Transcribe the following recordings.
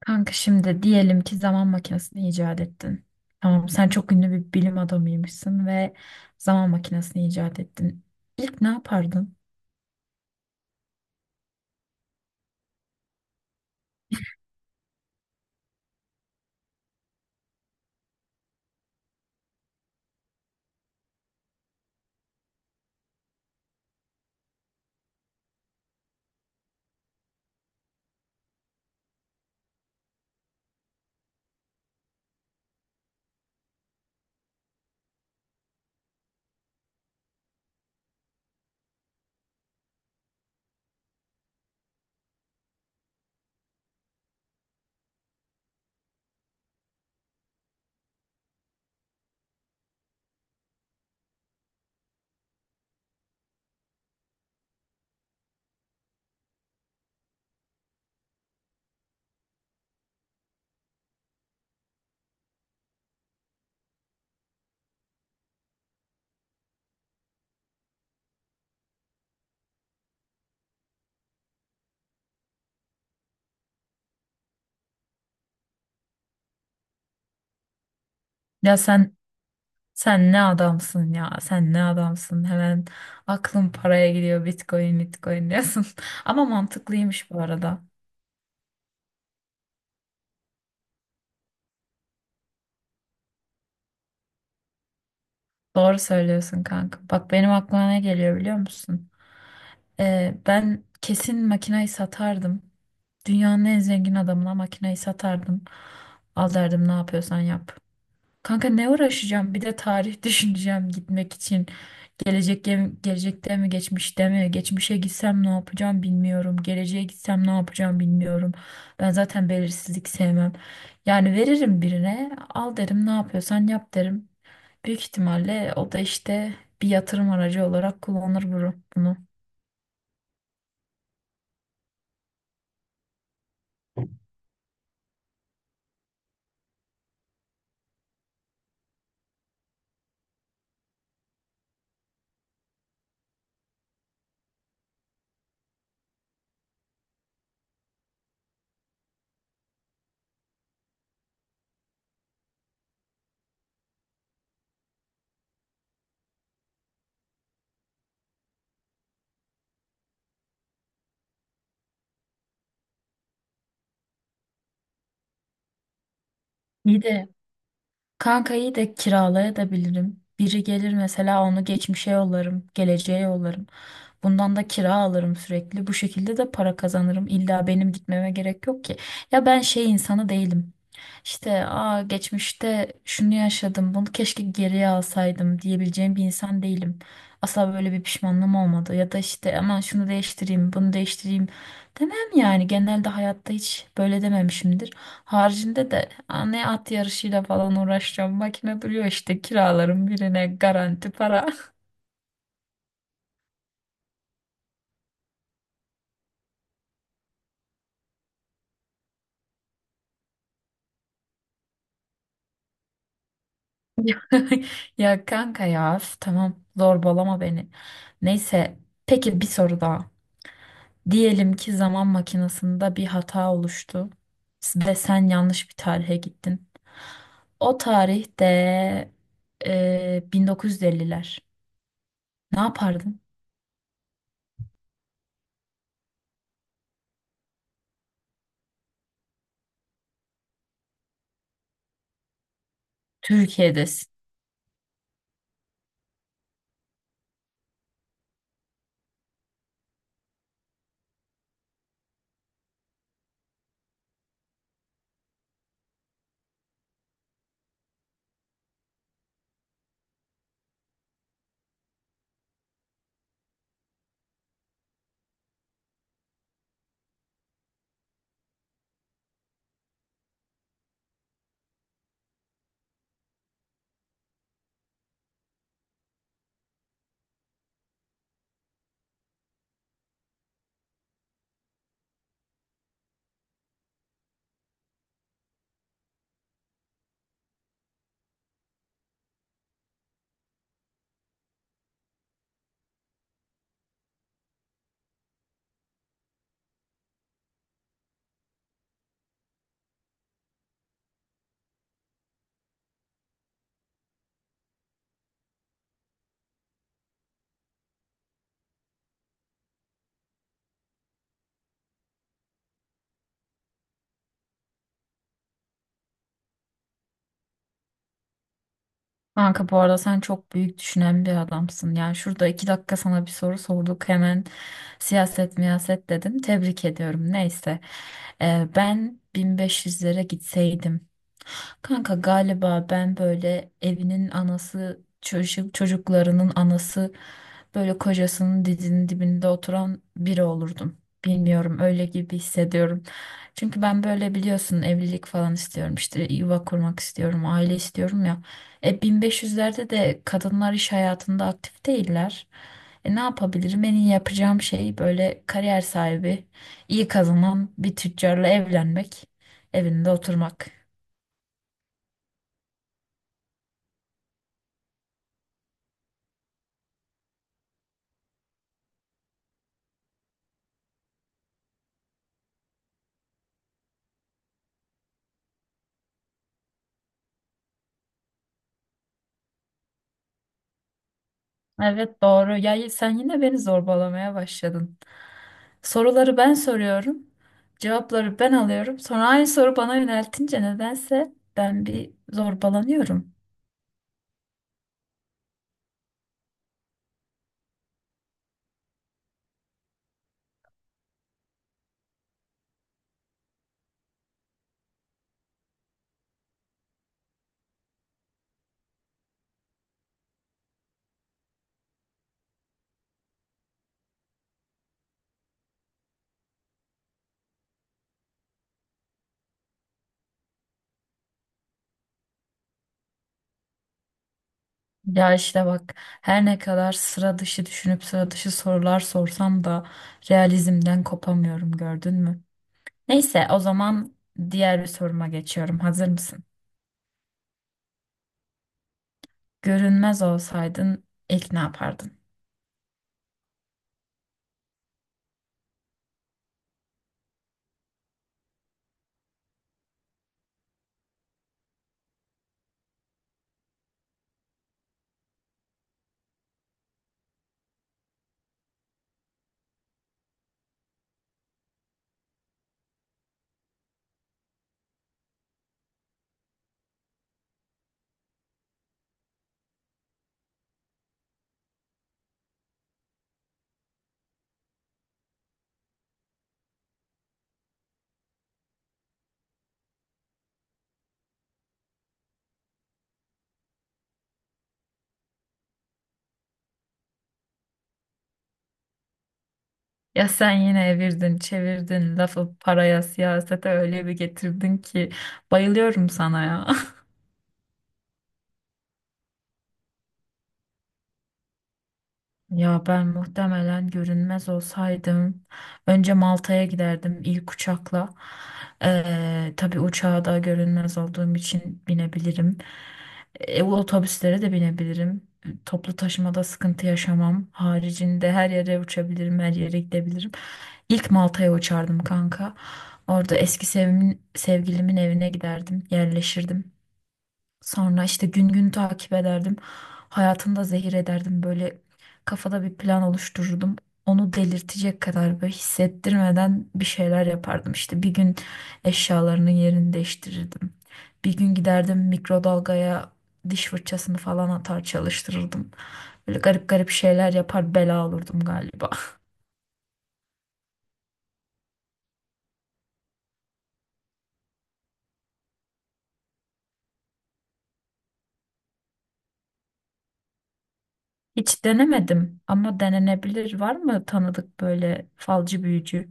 Kanka şimdi diyelim ki zaman makinesini icat ettin. Tamam, sen çok ünlü bir bilim adamıymışsın ve zaman makinesini icat ettin. İlk ne yapardın? Ya sen ne adamsın ya? Sen ne adamsın? Hemen aklım paraya gidiyor. Bitcoin, Bitcoin diyorsun. Ama mantıklıymış bu arada. Doğru söylüyorsun kanka. Bak benim aklıma ne geliyor biliyor musun? Ben kesin makinayı satardım. Dünyanın en zengin adamına makinayı satardım. Al derdim, ne yapıyorsan yap. Kanka ne uğraşacağım? Bir de tarih düşüneceğim gitmek için. Gelecek gelecekte mi, geçmişte mi? Geçmişe gitsem ne yapacağım bilmiyorum. Geleceğe gitsem ne yapacağım bilmiyorum. Ben zaten belirsizlik sevmem. Yani veririm birine, al derim, ne yapıyorsan yap derim. Büyük ihtimalle o da işte bir yatırım aracı olarak kullanır bunu. İyi de kankayı da kiralayabilirim. Biri gelir mesela, onu geçmişe yollarım, geleceğe yollarım. Bundan da kira alırım sürekli. Bu şekilde de para kazanırım. İlla benim gitmeme gerek yok ki. Ya ben şey insanı değilim. İşte aa, geçmişte şunu yaşadım, bunu keşke geriye alsaydım diyebileceğim bir insan değilim. Asla böyle bir pişmanlığım olmadı. Ya da işte aman şunu değiştireyim, bunu değiştireyim demem yani, genelde hayatta hiç böyle dememişimdir. Haricinde de "Aa, ne at yarışıyla falan uğraşacağım. Makine duruyor işte, kiralarım birine, garanti para." Ya kanka ya üf, tamam, zorbalama beni. Neyse, peki bir soru daha. Diyelim ki zaman makinesinde bir hata oluştu ve sen yanlış bir tarihe gittin. O tarihte 1950'ler. Ne yapardın? Türkiye'de. Kanka bu arada sen çok büyük düşünen bir adamsın. Yani şurada iki dakika sana bir soru sorduk, hemen siyaset miyaset dedim. Tebrik ediyorum. Neyse. Ben 1500'lere gitseydim. Kanka galiba ben böyle evinin anası, çocuklarının anası, böyle kocasının dizinin dibinde oturan biri olurdum. Bilmiyorum, öyle gibi hissediyorum. Çünkü ben böyle biliyorsun, evlilik falan istiyorum, işte yuva kurmak istiyorum, aile istiyorum ya. E, 1500'lerde de kadınlar iş hayatında aktif değiller. E, ne yapabilirim? En iyi yapacağım şey böyle kariyer sahibi, iyi kazanan bir tüccarla evlenmek, evinde oturmak. Evet, doğru. Ya sen yine beni zorbalamaya başladın. Soruları ben soruyorum. Cevapları ben alıyorum. Sonra aynı soru bana yöneltince nedense ben bir zorbalanıyorum. Ya işte bak, her ne kadar sıra dışı düşünüp sıra dışı sorular sorsam da realizmden kopamıyorum, gördün mü? Neyse, o zaman diğer bir soruma geçiyorum. Hazır mısın? Görünmez olsaydın ilk ne yapardın? Ya sen yine evirdin, çevirdin, lafı paraya, siyasete öyle bir getirdin ki, bayılıyorum sana ya. Ya ben muhtemelen görünmez olsaydım önce Malta'ya giderdim ilk uçakla. Tabii uçağa da görünmez olduğum için binebilirim. E, otobüslere de binebilirim. Toplu taşımada sıkıntı yaşamam. Haricinde her yere uçabilirim, her yere gidebilirim. İlk Malta'ya uçardım kanka. Orada eski sevgilimin evine giderdim, yerleşirdim. Sonra işte gün gün takip ederdim. Hayatını da zehir ederdim. Böyle kafada bir plan oluştururdum. Onu delirtecek kadar böyle hissettirmeden bir şeyler yapardım. İşte bir gün eşyalarının yerini değiştirirdim. Bir gün giderdim, mikrodalgaya diş fırçasını falan atar çalıştırırdım. Böyle garip garip şeyler yapar, bela olurdum galiba. Hiç denemedim ama denenebilir. Var mı tanıdık böyle falcı büyücü?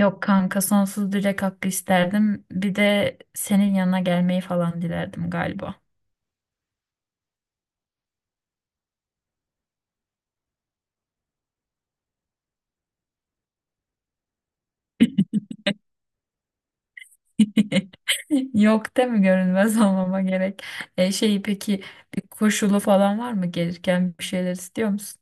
Yok kanka, sonsuz dilek hakkı isterdim. Bir de senin yanına gelmeyi falan dilerdim galiba. Yok, değil mi, görünmez olmama gerek. E şey, peki bir koşulu falan var mı, gelirken bir şeyler istiyor musun?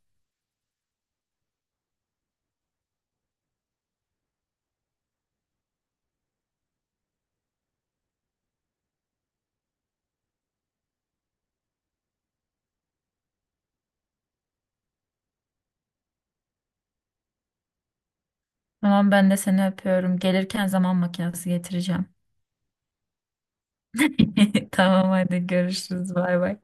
Tamam, ben de seni öpüyorum. Gelirken zaman makinesi getireceğim. Tamam, hadi görüşürüz, bay bay.